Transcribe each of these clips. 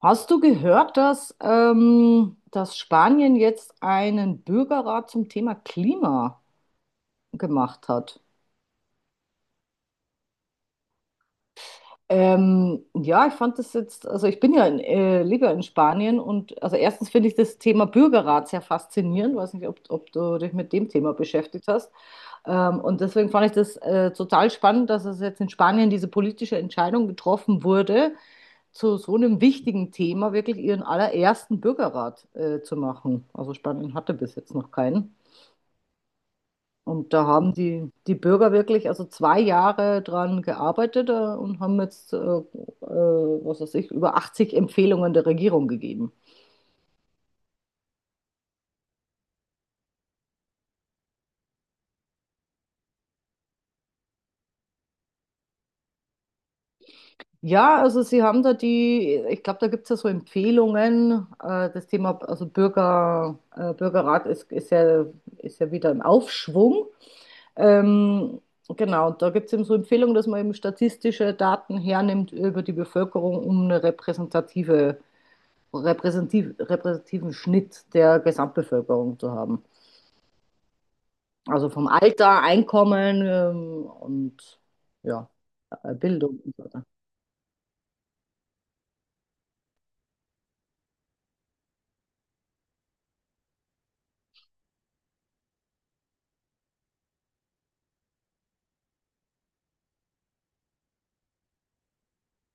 Hast du gehört, dass, dass Spanien jetzt einen Bürgerrat zum Thema Klima gemacht hat? Ja, ich fand das jetzt, also ich bin ja lebe ja in Spanien, und also erstens finde ich das Thema Bürgerrat sehr faszinierend, weiß nicht, ob du dich mit dem Thema beschäftigt hast. Und deswegen fand ich das total spannend, dass es jetzt in Spanien diese politische Entscheidung getroffen wurde, zu so einem wichtigen Thema wirklich ihren allerersten Bürgerrat zu machen. Also Spanien hatte bis jetzt noch keinen. Und da haben die Bürger wirklich also 2 Jahre dran gearbeitet und haben jetzt, was weiß ich, über 80 Empfehlungen der Regierung gegeben. Ja, also sie haben da die, ich glaube, da gibt es ja so Empfehlungen. Das Thema, also Bürgerrat ist ja wieder im Aufschwung. Ähm, genau, da gibt es eben so Empfehlungen, dass man eben statistische Daten hernimmt über die Bevölkerung, um eine repräsentativen Schnitt der Gesamtbevölkerung zu haben. Also vom Alter, Einkommen, und ja, Bildung und so weiter.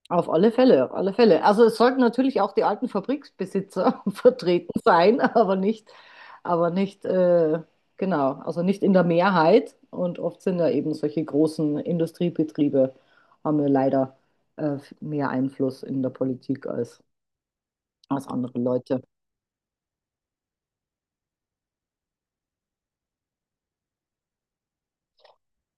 Auf alle Fälle, auf alle Fälle. Also es sollten natürlich auch die alten Fabriksbesitzer vertreten sein, aber nicht, genau, also nicht in der Mehrheit. Und oft sind ja eben solche großen Industriebetriebe, haben ja leider mehr Einfluss in der Politik als andere Leute.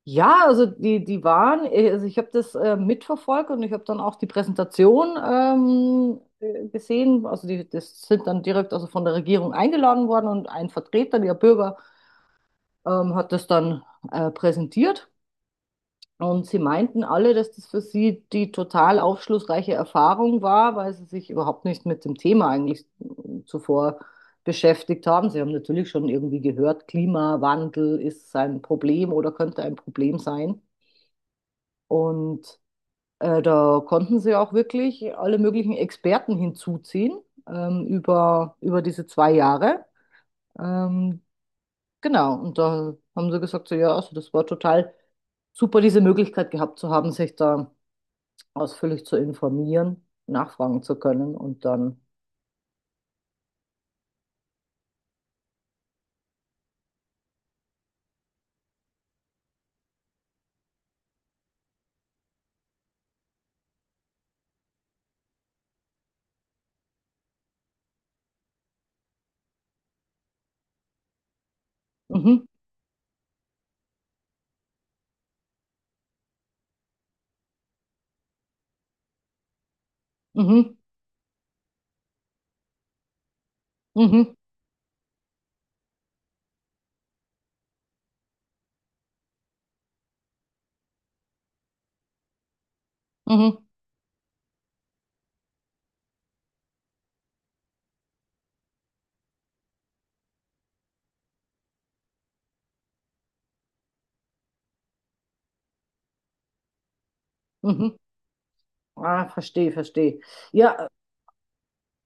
Ja, also die waren, also ich habe das mitverfolgt, und ich habe dann auch die Präsentation gesehen. Also die, das sind dann direkt also von der Regierung eingeladen worden, und ein Vertreter der Bürger hat das dann präsentiert. Und sie meinten alle, dass das für sie die total aufschlussreiche Erfahrung war, weil sie sich überhaupt nicht mit dem Thema eigentlich zuvor beschäftigt haben. Sie haben natürlich schon irgendwie gehört, Klimawandel ist ein Problem oder könnte ein Problem sein. Und da konnten sie auch wirklich alle möglichen Experten hinzuziehen über, über diese 2 Jahre. Ähm, genau, und da haben sie gesagt, so, ja, also das war total super, diese Möglichkeit gehabt zu haben, sich da ausführlich zu informieren, nachfragen zu können und dann, mhm, mhm, mhm, mhm, mhm. Ah, verstehe, verstehe. Ja.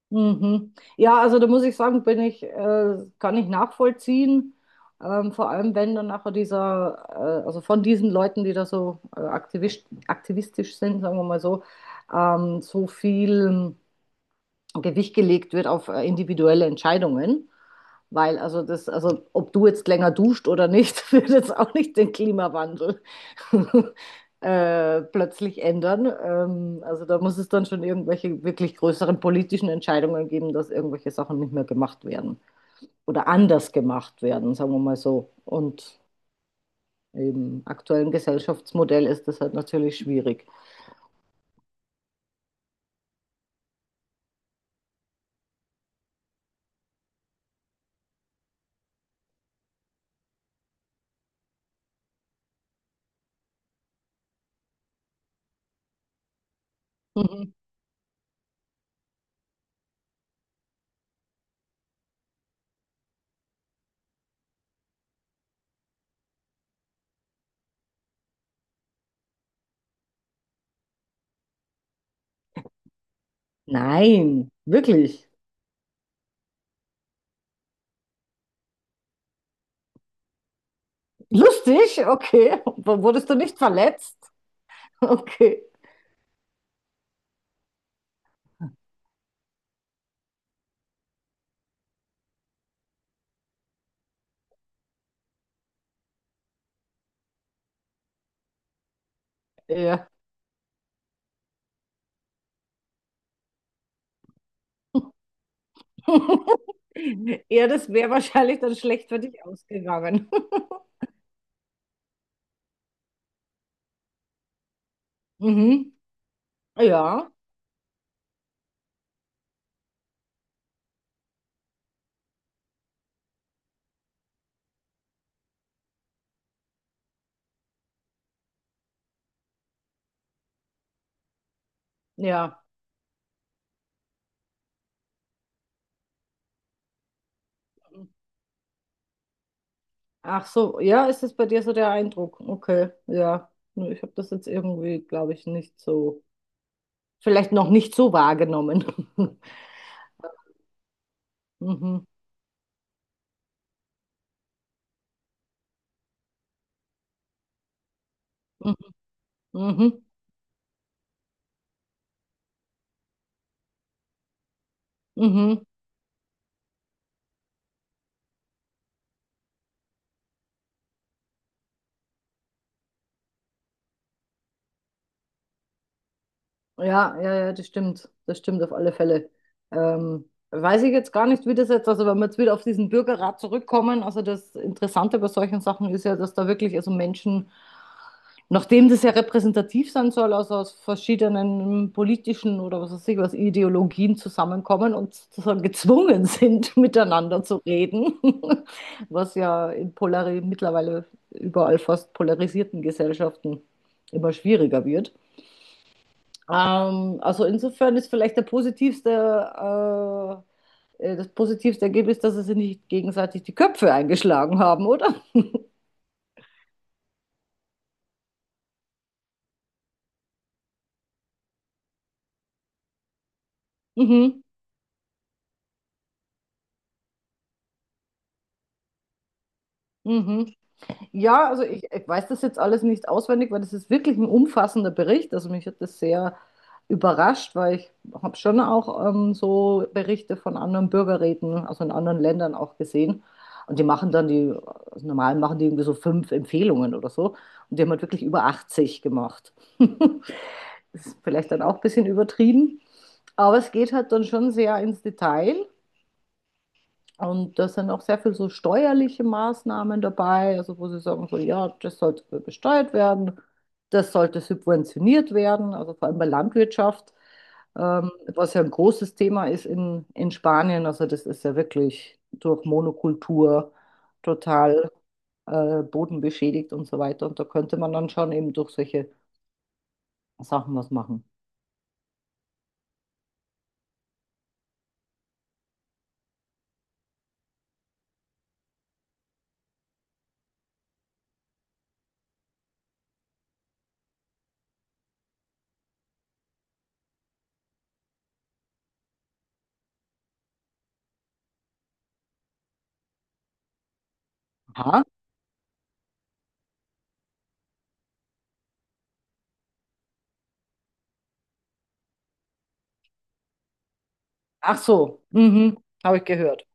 Mhm. Ja, also da muss ich sagen, kann ich nachvollziehen. Vor allem, wenn dann nachher dieser, also von diesen Leuten, die da so aktivistisch sind, sagen wir mal so, so viel Gewicht gelegt wird auf individuelle Entscheidungen. Weil also das, also ob du jetzt länger duscht oder nicht, wird jetzt auch nicht den Klimawandel plötzlich ändern. Also da muss es dann schon irgendwelche wirklich größeren politischen Entscheidungen geben, dass irgendwelche Sachen nicht mehr gemacht werden oder anders gemacht werden, sagen wir mal so. Und im aktuellen Gesellschaftsmodell ist das halt natürlich schwierig. Mhm. Nein, wirklich. Lustig, okay. Wurdest du nicht verletzt? Okay. Ja. Ja, das wäre wahrscheinlich dann schlecht für dich ausgegangen. Mhm. Ja, ja. Ach so, ja, ist es bei dir so der Eindruck? Okay, ja. Nö, ich habe das jetzt irgendwie, glaube ich, nicht so, vielleicht noch nicht so wahrgenommen. Mhm, mhm, mhm, mhm. Ja, ja, ja, das stimmt. Das stimmt auf alle Fälle. Weiß ich jetzt gar nicht, wie das jetzt, also wenn wir jetzt wieder auf diesen Bürgerrat zurückkommen, also das Interessante bei solchen Sachen ist ja, dass da wirklich also Menschen, nachdem das ja repräsentativ sein soll, also aus verschiedenen politischen oder was weiß ich was, Ideologien zusammenkommen und sozusagen gezwungen sind, miteinander zu reden, was ja in polari mittlerweile überall fast polarisierten Gesellschaften immer schwieriger wird. Also insofern ist vielleicht der das positivste Ergebnis, dass sie sich nicht gegenseitig die Köpfe eingeschlagen haben, oder? Mhm. Mhm. Ja, also ich weiß das jetzt alles nicht auswendig, weil das ist wirklich ein umfassender Bericht. Also mich hat das sehr überrascht, weil ich habe schon auch so Berichte von anderen Bürgerräten, also in anderen Ländern auch gesehen. Und die machen dann die, also normal machen die irgendwie so 5 Empfehlungen oder so. Und die haben halt wirklich über 80 gemacht. Ist vielleicht dann auch ein bisschen übertrieben. Aber es geht halt dann schon sehr ins Detail. Und da sind auch sehr viel so steuerliche Maßnahmen dabei, also wo sie sagen so, ja, das sollte besteuert werden, das sollte subventioniert werden, also vor allem bei Landwirtschaft, was ja ein großes Thema ist in Spanien. Also das ist ja wirklich durch Monokultur total bodenbeschädigt und so weiter. Und da könnte man dann schon eben durch solche Sachen was machen. Aha. Ach so, mhm. Habe ich gehört.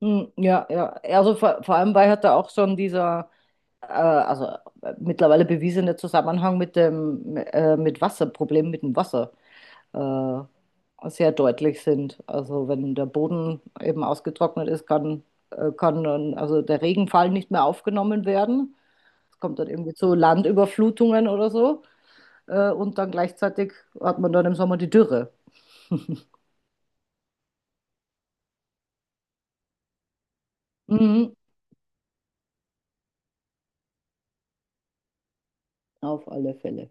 Hm. Ja, ja. Also vor allem, weil halt da auch schon dieser äh, also mittlerweile bewiesene Zusammenhang mit dem mit Wasserproblemen mit dem Wasser sehr deutlich sind. Also wenn der Boden eben ausgetrocknet ist, kann dann, also der Regenfall nicht mehr aufgenommen werden. Es kommt dann irgendwie zu Landüberflutungen oder so. Und dann gleichzeitig hat man dann im Sommer die Dürre. Mhm. Auf alle Fälle.